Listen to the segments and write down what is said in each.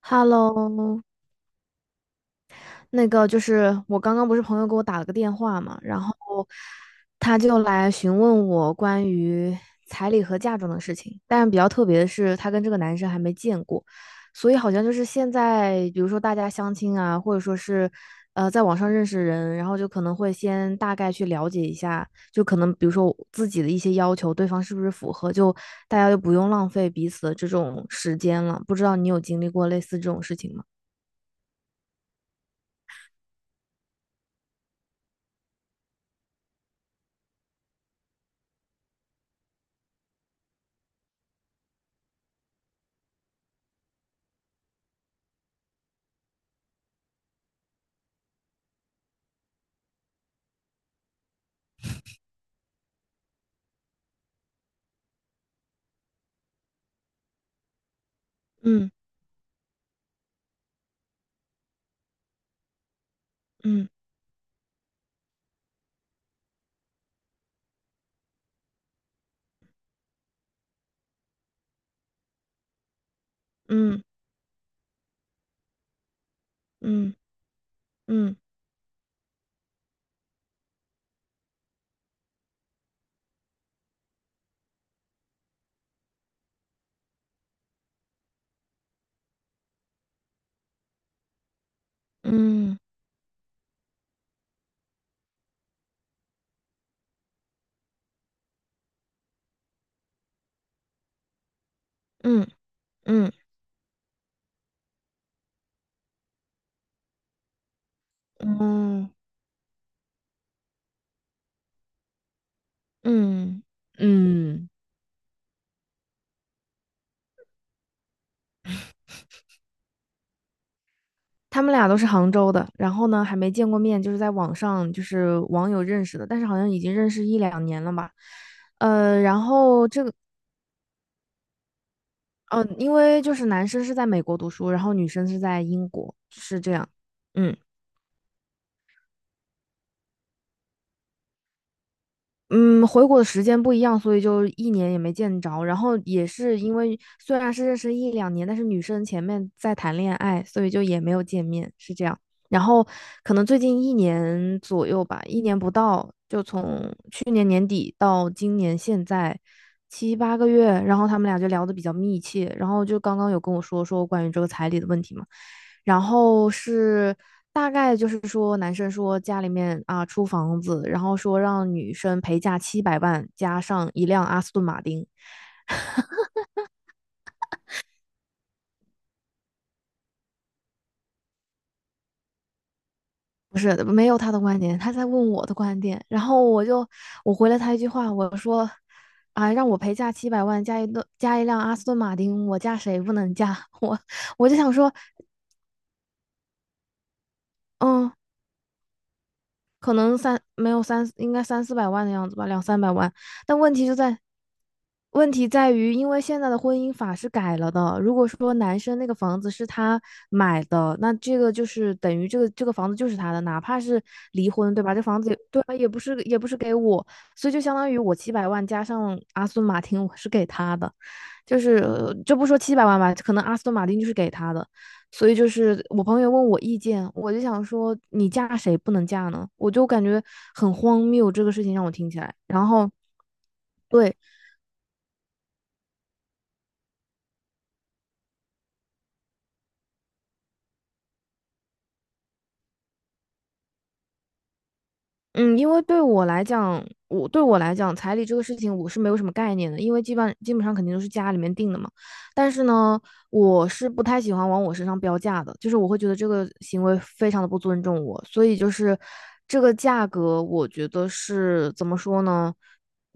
Hello，那个就是我刚刚不是朋友给我打了个电话嘛，然后他就来询问我关于彩礼和嫁妆的事情，但是比较特别的是，他跟这个男生还没见过，所以好像就是现在，比如说大家相亲啊，或者说是在网上认识人，然后就可能会先大概去了解一下，就可能比如说我自己的一些要求，对方是不是符合，就大家就不用浪费彼此的这种时间了。不知道你有经历过类似这种事情吗？嗯。嗯嗯嗯嗯嗯嗯嗯嗯嗯嗯，他们俩都是杭州的，然后呢还没见过面，就是在网上就是网友认识的，但是好像已经认识一两年了吧。然后这个因为就是男生是在美国读书，然后女生是在英国，是这样。嗯。嗯，回国的时间不一样，所以就一年也没见着。然后也是因为虽然是认识一两年，但是女生前面在谈恋爱，所以就也没有见面，是这样。然后可能最近一年左右吧，一年不到，就从去年年底到今年现在七八个月，然后他们俩就聊得比较密切，然后就刚刚有跟我说说关于这个彩礼的问题嘛。然后是大概就是说，男生说家里面啊出房子，然后说让女生陪嫁七百万，加上一辆阿斯顿马丁。不是，没有他的观点，他在问我的观点。然后我回了他一句话，我说啊，让我陪嫁七百万，加一辆阿斯顿马丁，我嫁谁不能嫁？我我就想说，嗯，可能三没有三，应该三四百万的样子吧，两三百万。但问题在于，因为现在的婚姻法是改了的。如果说男生那个房子是他买的，那这个就是等于这个房子就是他的，哪怕是离婚，对吧？这房子也对吧，也不是给我，所以就相当于我七百万加上阿斯顿马丁，我是给他的。就是就不说七百万吧，可能阿斯顿马丁就是给他的，所以就是我朋友问我意见，我就想说你嫁谁不能嫁呢？我就感觉很荒谬，这个事情让我听起来。然后，对，嗯，因为对我来讲，彩礼这个事情我是没有什么概念的，因为基本上肯定都是家里面定的嘛。但是呢，我是不太喜欢往我身上标价的，就是我会觉得这个行为非常的不尊重我，所以就是这个价格，我觉得是怎么说呢，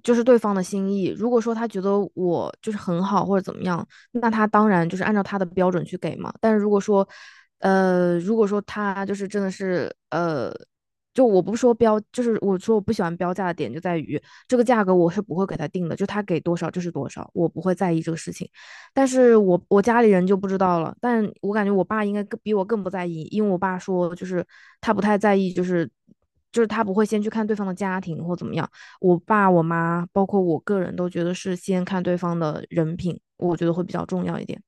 就是对方的心意。如果说他觉得我就是很好或者怎么样，那他当然就是按照他的标准去给嘛。但是如果说他就是真的是。就我不说标，就是我说我不喜欢标价的点就在于这个价格我是不会给他定的，就他给多少就是多少，我不会在意这个事情。但是我家里人就不知道了，但我感觉我爸应该更比我更不在意，因为我爸说就是他不太在意，就是他不会先去看对方的家庭或怎么样。我爸我妈包括我个人都觉得是先看对方的人品，我觉得会比较重要一点。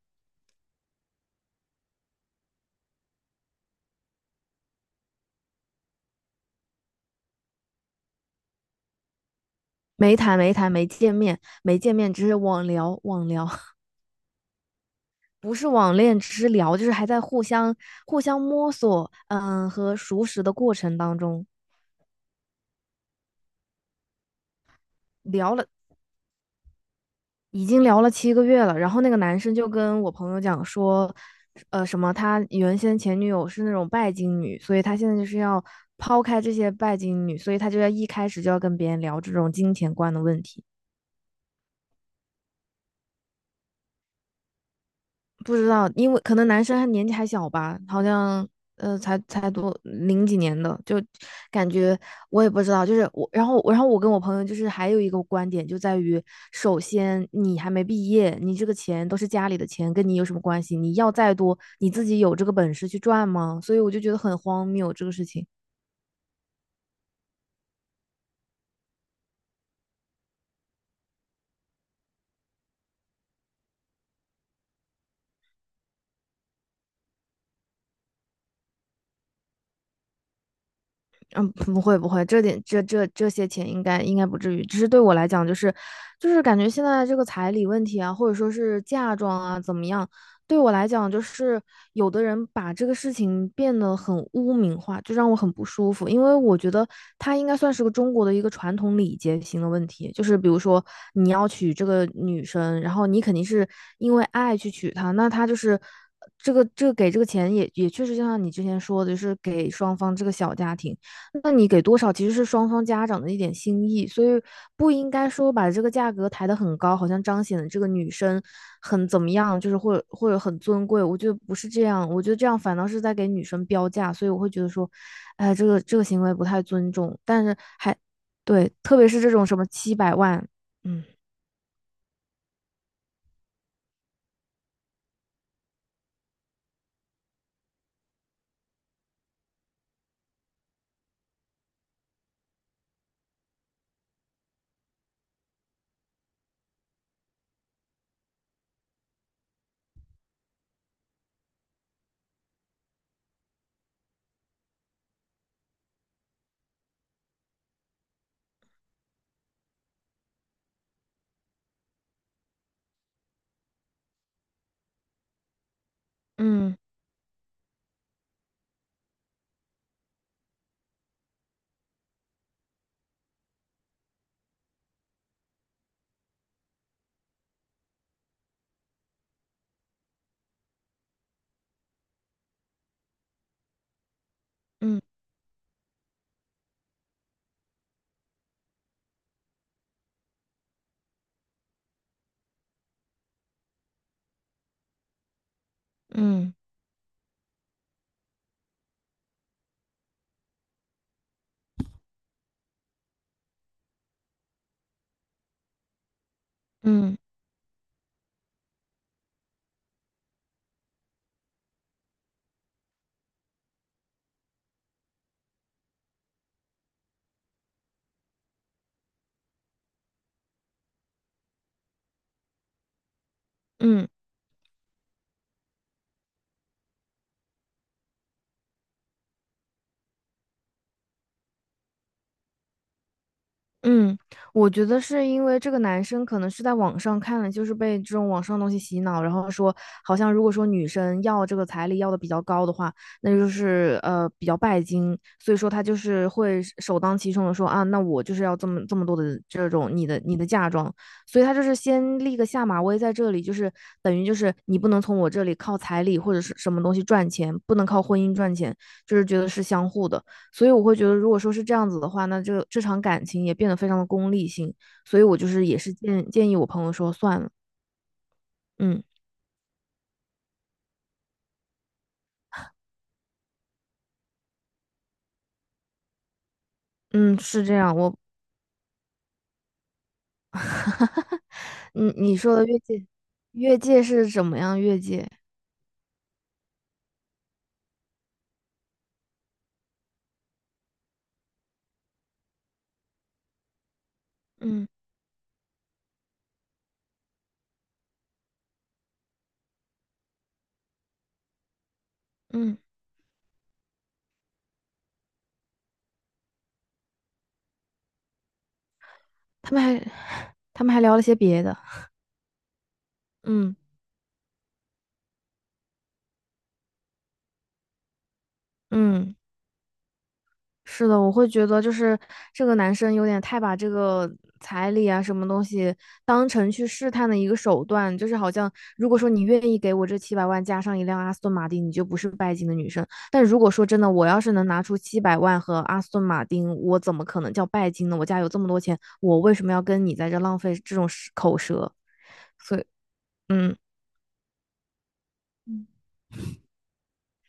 没谈没谈没见面没见面，只是网聊网聊。不是网恋，只是聊，就是还在互相摸索，嗯，和熟识的过程当中，聊了已经聊了7个月了。然后那个男生就跟我朋友讲说，什么他原先前女友是那种拜金女，所以他现在就是要抛开这些拜金女，所以他就要一开始就要跟别人聊这种金钱观的问题。不知道，因为可能男生还年纪还小吧，好像才多零几年的，就感觉我也不知道。就是我，然后我跟我朋友就是还有一个观点就在于，首先你还没毕业，你这个钱都是家里的钱，跟你有什么关系？你要再多，你自己有这个本事去赚吗？所以我就觉得很荒谬这个事情。嗯，不会不会，这点这些钱应该不至于，只是对我来讲，就是感觉现在这个彩礼问题啊，或者说是嫁妆啊怎么样，对我来讲，就是有的人把这个事情变得很污名化，就让我很不舒服，因为我觉得它应该算是个中国的一个传统礼节型的问题，就是比如说你要娶这个女生，然后你肯定是因为爱去娶她，那她就是。这个这个给这个钱也也确实，就像你之前说的，就是给双方这个小家庭。那你给多少其实是双方家长的一点心意，所以不应该说把这个价格抬得很高，好像彰显了这个女生很怎么样，就是或者或者很尊贵。我觉得不是这样，我觉得这样反倒是在给女生标价，所以我会觉得说，哎，这个这个行为不太尊重。但是还对，特别是这种什么七百万，嗯嗯嗯嗯嗯嗯。嗯嗯，我觉得是因为这个男生可能是在网上看了，就是被这种网上的东西洗脑，然后说好像如果说女生要这个彩礼要的比较高的话，那就是比较拜金，所以说他就是会是首当其冲的说啊，那我就是要这么多的这种你的嫁妆，所以他就是先立个下马威在这里，就是等于就是你不能从我这里靠彩礼或者是什么东西赚钱，不能靠婚姻赚钱，就是觉得是相互的。所以我会觉得，如果说是这样子的话，那这场感情也变得非常的功利性。所以我就是也是建议我朋友说算了，嗯嗯，是这样。我 你说的越界，越界是怎么样越界？嗯嗯，他们还 他们还聊了些别的，嗯嗯。是的，我会觉得就是这个男生有点太把这个彩礼啊什么东西当成去试探的一个手段，就是好像如果说你愿意给我这七百万加上一辆阿斯顿马丁，你就不是拜金的女生。但如果说真的，我要是能拿出七百万和阿斯顿马丁，我怎么可能叫拜金呢？我家有这么多钱，我为什么要跟你在这浪费这种舌口舌？所以，嗯嗯，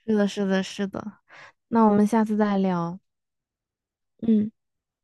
是的，是的，是的。那我们下次再聊。嗯。